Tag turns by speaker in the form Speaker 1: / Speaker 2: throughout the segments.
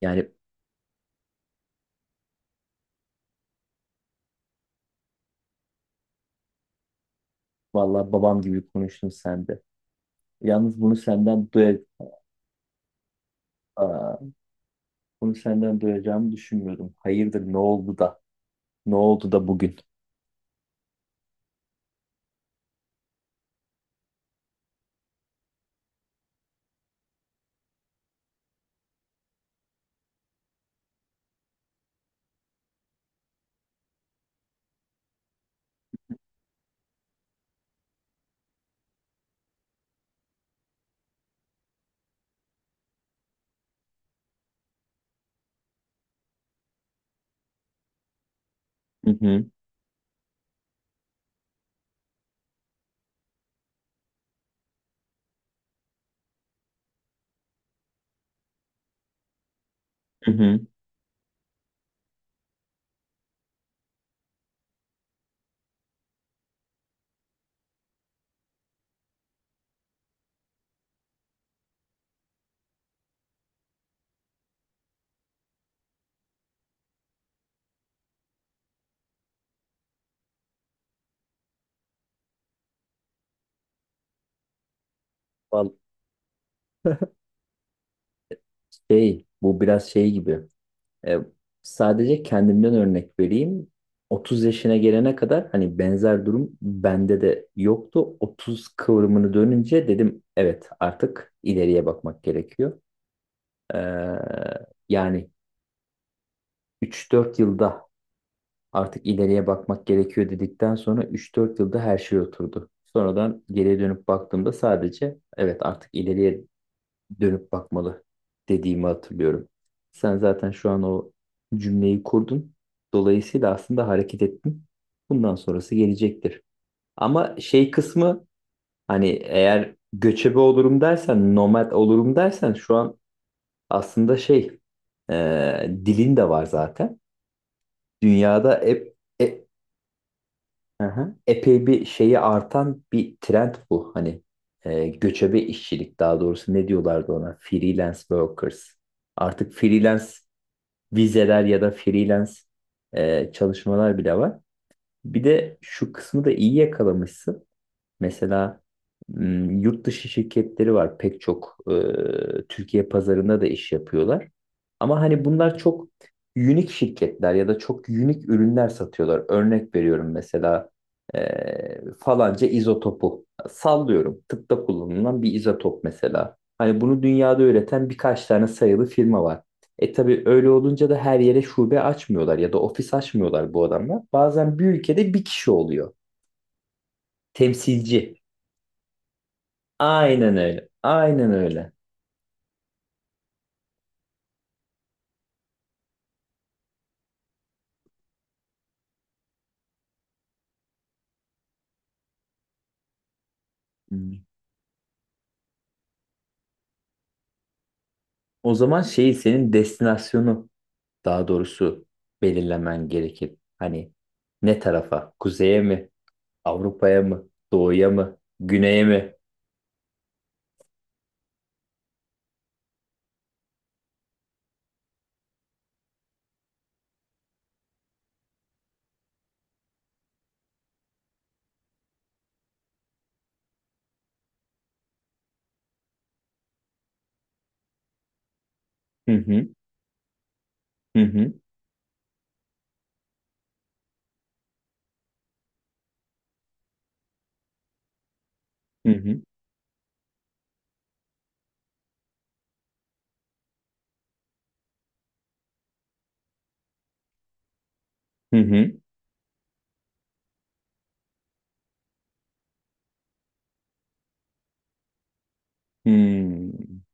Speaker 1: Yani vallahi babam gibi konuştun sen de. Yalnız bunu senden duya Aa, bunu senden duyacağımı düşünmüyordum. Hayırdır ne oldu da? Ne oldu da bugün? Hı hı, hı hı. Vallahi şey, bu biraz şey gibi. E, sadece kendimden örnek vereyim. 30 yaşına gelene kadar hani benzer durum bende de yoktu. 30 kıvrımını dönünce dedim evet, artık ileriye bakmak gerekiyor. Ee, Yani 3-4 yılda artık ileriye bakmak gerekiyor dedikten sonra 3-4 yılda her şey oturdu. Sonradan geriye dönüp baktığımda sadece evet artık ileriye dönüp bakmalı, dediğimi hatırlıyorum. Sen zaten şu an o cümleyi kurdun. Dolayısıyla aslında hareket ettin. Bundan sonrası gelecektir. Ama şey kısmı hani eğer göçebe olurum dersen, nomad olurum dersen şu an aslında dilin de var zaten. Dünyada hep e- hı hı. Epey bir şeyi artan bir trend bu. Hani göçebe işçilik, daha doğrusu ne diyorlardı ona? Freelance workers. Artık freelance vizeler ya da freelance çalışmalar bile var. Bir de şu kısmı da iyi yakalamışsın. Mesela yurt dışı şirketleri var pek çok, Türkiye pazarında da iş yapıyorlar. Ama hani bunlar çok unik şirketler ya da çok unik ürünler satıyorlar. Örnek veriyorum, mesela falanca izotopu sallıyorum. Tıpta kullanılan bir izotop mesela. Hani bunu dünyada üreten birkaç tane sayılı firma var. E tabii öyle olunca da her yere şube açmıyorlar ya da ofis açmıyorlar bu adamlar. Bazen bir ülkede bir kişi oluyor. Temsilci. Aynen öyle. Aynen öyle. Hmm. O zaman senin destinasyonu daha doğrusu belirlemen gerekir. Hani ne tarafa? Kuzeye mi? Avrupa'ya mı? Doğuya mı? Güneye mi? Hı hı. Hı hı. Hı hı. Hı hı. Hmm.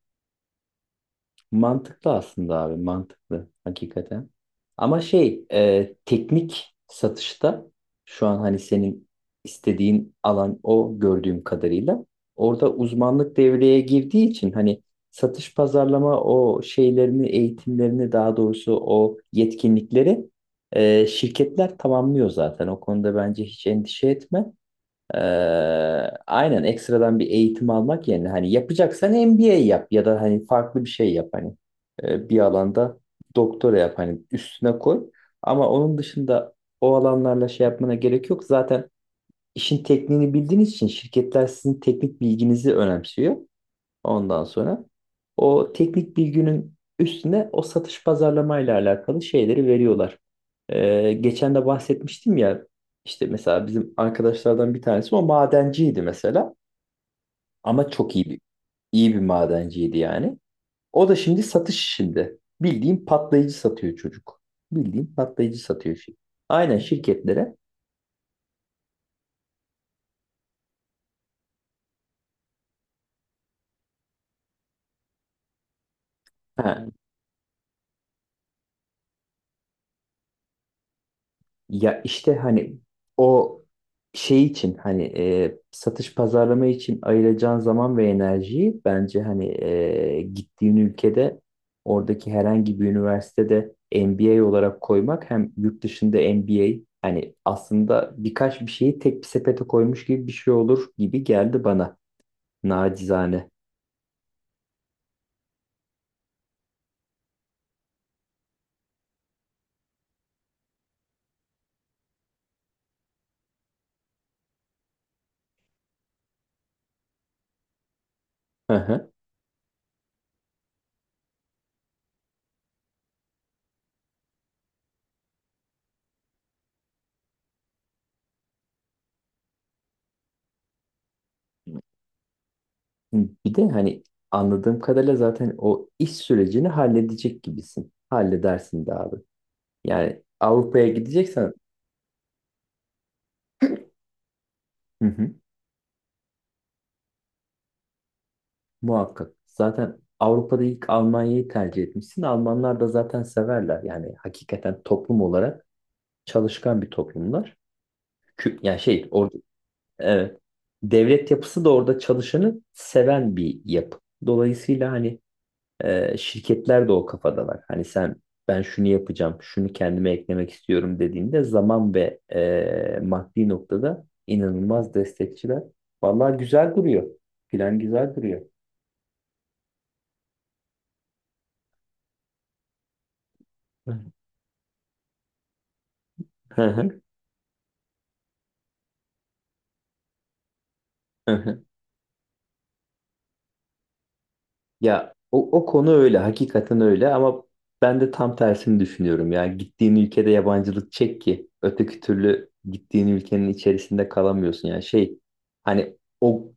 Speaker 1: Mantıklı aslında abi, mantıklı hakikaten. Ama teknik satışta şu an hani senin istediğin alan o, gördüğüm kadarıyla orada uzmanlık devreye girdiği için hani satış pazarlama o şeylerini, eğitimlerini, daha doğrusu o yetkinlikleri şirketler tamamlıyor zaten. O konuda bence hiç endişe etme. Ee, aynen, ekstradan bir eğitim almak yerine hani yapacaksan MBA yap ya da hani farklı bir şey yap hani. Bir alanda doktora yap, hani üstüne koy, ama onun dışında o alanlarla şey yapmana gerek yok zaten. İşin tekniğini bildiğiniz için şirketler sizin teknik bilginizi önemsiyor. Ondan sonra o teknik bilginin üstüne o satış pazarlamayla ile alakalı şeyleri veriyorlar. Geçen de bahsetmiştim ya, işte mesela bizim arkadaşlardan bir tanesi o madenciydi mesela, ama çok iyi bir, iyi bir madenciydi yani. O da şimdi satış işinde. Bildiğin patlayıcı satıyor çocuk. Bildiğin patlayıcı satıyor şimdi. Aynen, şirketlere. Ha, ya işte hani o şey için hani satış pazarlama için ayıracağın zaman ve enerjiyi bence hani gittiğin ülkede oradaki herhangi bir üniversitede MBA olarak koymak, hem yurt dışında MBA, hani aslında birkaç bir şeyi tek bir sepete koymuş gibi bir şey olur gibi geldi bana, nacizane. Hı hı. Bir de hani anladığım kadarıyla zaten o iş sürecini halledecek gibisin. Halledersin de abi. Yani Avrupa'ya gideceksen, hı hı, muhakkak. Zaten Avrupa'da ilk Almanya'yı tercih etmişsin. Almanlar da zaten severler. Yani hakikaten toplum olarak çalışkan bir toplumlar. Yani orada, evet. Devlet yapısı da orada çalışanı seven bir yapı. Dolayısıyla hani şirketler de o kafadalar. Hani sen ben şunu yapacağım, şunu kendime eklemek istiyorum dediğinde zaman ve maddi noktada inanılmaz destekçiler. Vallahi güzel duruyor. Plan güzel duruyor. Hı hı, hı hı. Ya o, o konu öyle, hakikaten öyle, ama ben de tam tersini düşünüyorum. Ya gittiğin ülkede yabancılık çek ki, öteki türlü gittiğin ülkenin içerisinde kalamıyorsun. Yani hani o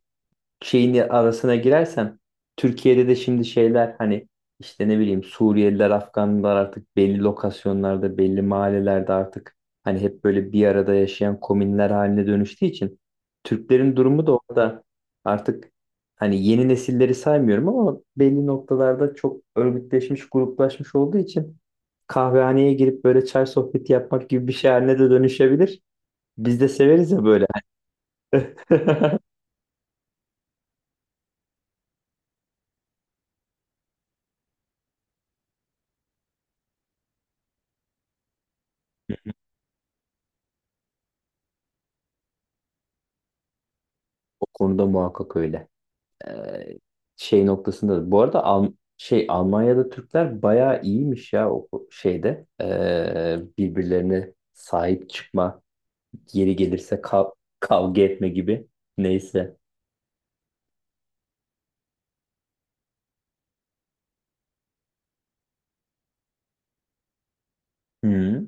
Speaker 1: şeyin arasına girersem, Türkiye'de de şimdi hani işte, ne bileyim, Suriyeliler, Afganlar artık belli lokasyonlarda, belli mahallelerde artık hani hep böyle bir arada yaşayan komünler haline dönüştüğü için, Türklerin durumu da orada artık, hani yeni nesilleri saymıyorum ama, belli noktalarda çok örgütleşmiş, gruplaşmış olduğu için kahvehaneye girip böyle çay sohbeti yapmak gibi bir şey haline de dönüşebilir. Biz de severiz ya böyle. O konuda muhakkak öyle. Ee, Şey noktasında. Bu arada Al şey Almanya'da Türkler bayağı iyiymiş ya o şeyde. Birbirlerine sahip çıkma, yeri gelirse kavga etme gibi. Neyse. Hı hı.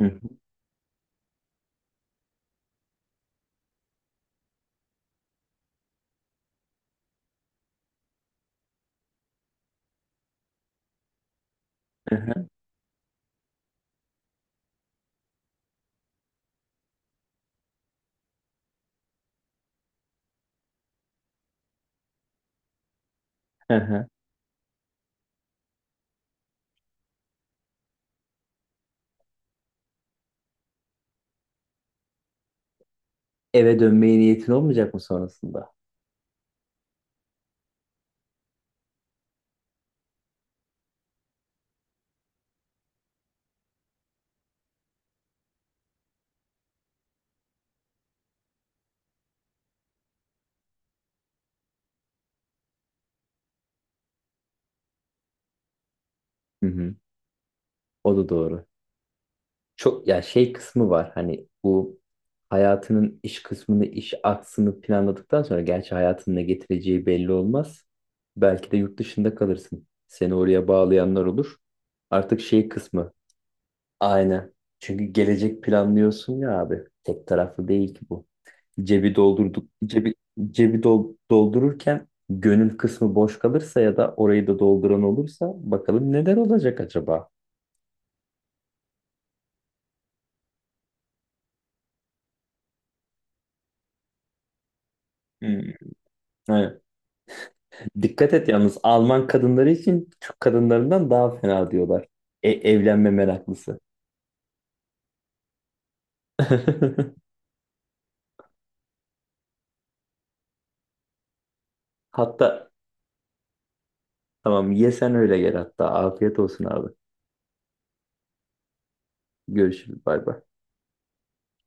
Speaker 1: Hı hı. Hı hı. Hı hı. Eve dönmeye niyetin olmayacak mı sonrasında? Hı hı. O da doğru. Çok ya, şey kısmı var hani, bu hayatının iş kısmını, iş aksını planladıktan sonra, gerçi hayatının ne getireceği belli olmaz. Belki de yurt dışında kalırsın. Seni oraya bağlayanlar olur. Artık şey kısmı, aynen. Çünkü gelecek planlıyorsun ya abi. Tek taraflı değil ki bu. Cebi doldurduk cebi cebi dol- doldururken gönül kısmı boş kalırsa, ya da orayı da dolduran olursa, bakalım neler olacak acaba? Hmm. Dikkat et yalnız, Alman kadınları için Türk kadınlarından daha fena diyorlar. E, evlenme meraklısı. Hatta, tamam, ye sen, öyle gel hatta. Afiyet olsun abi. Görüşürüz, bay bay.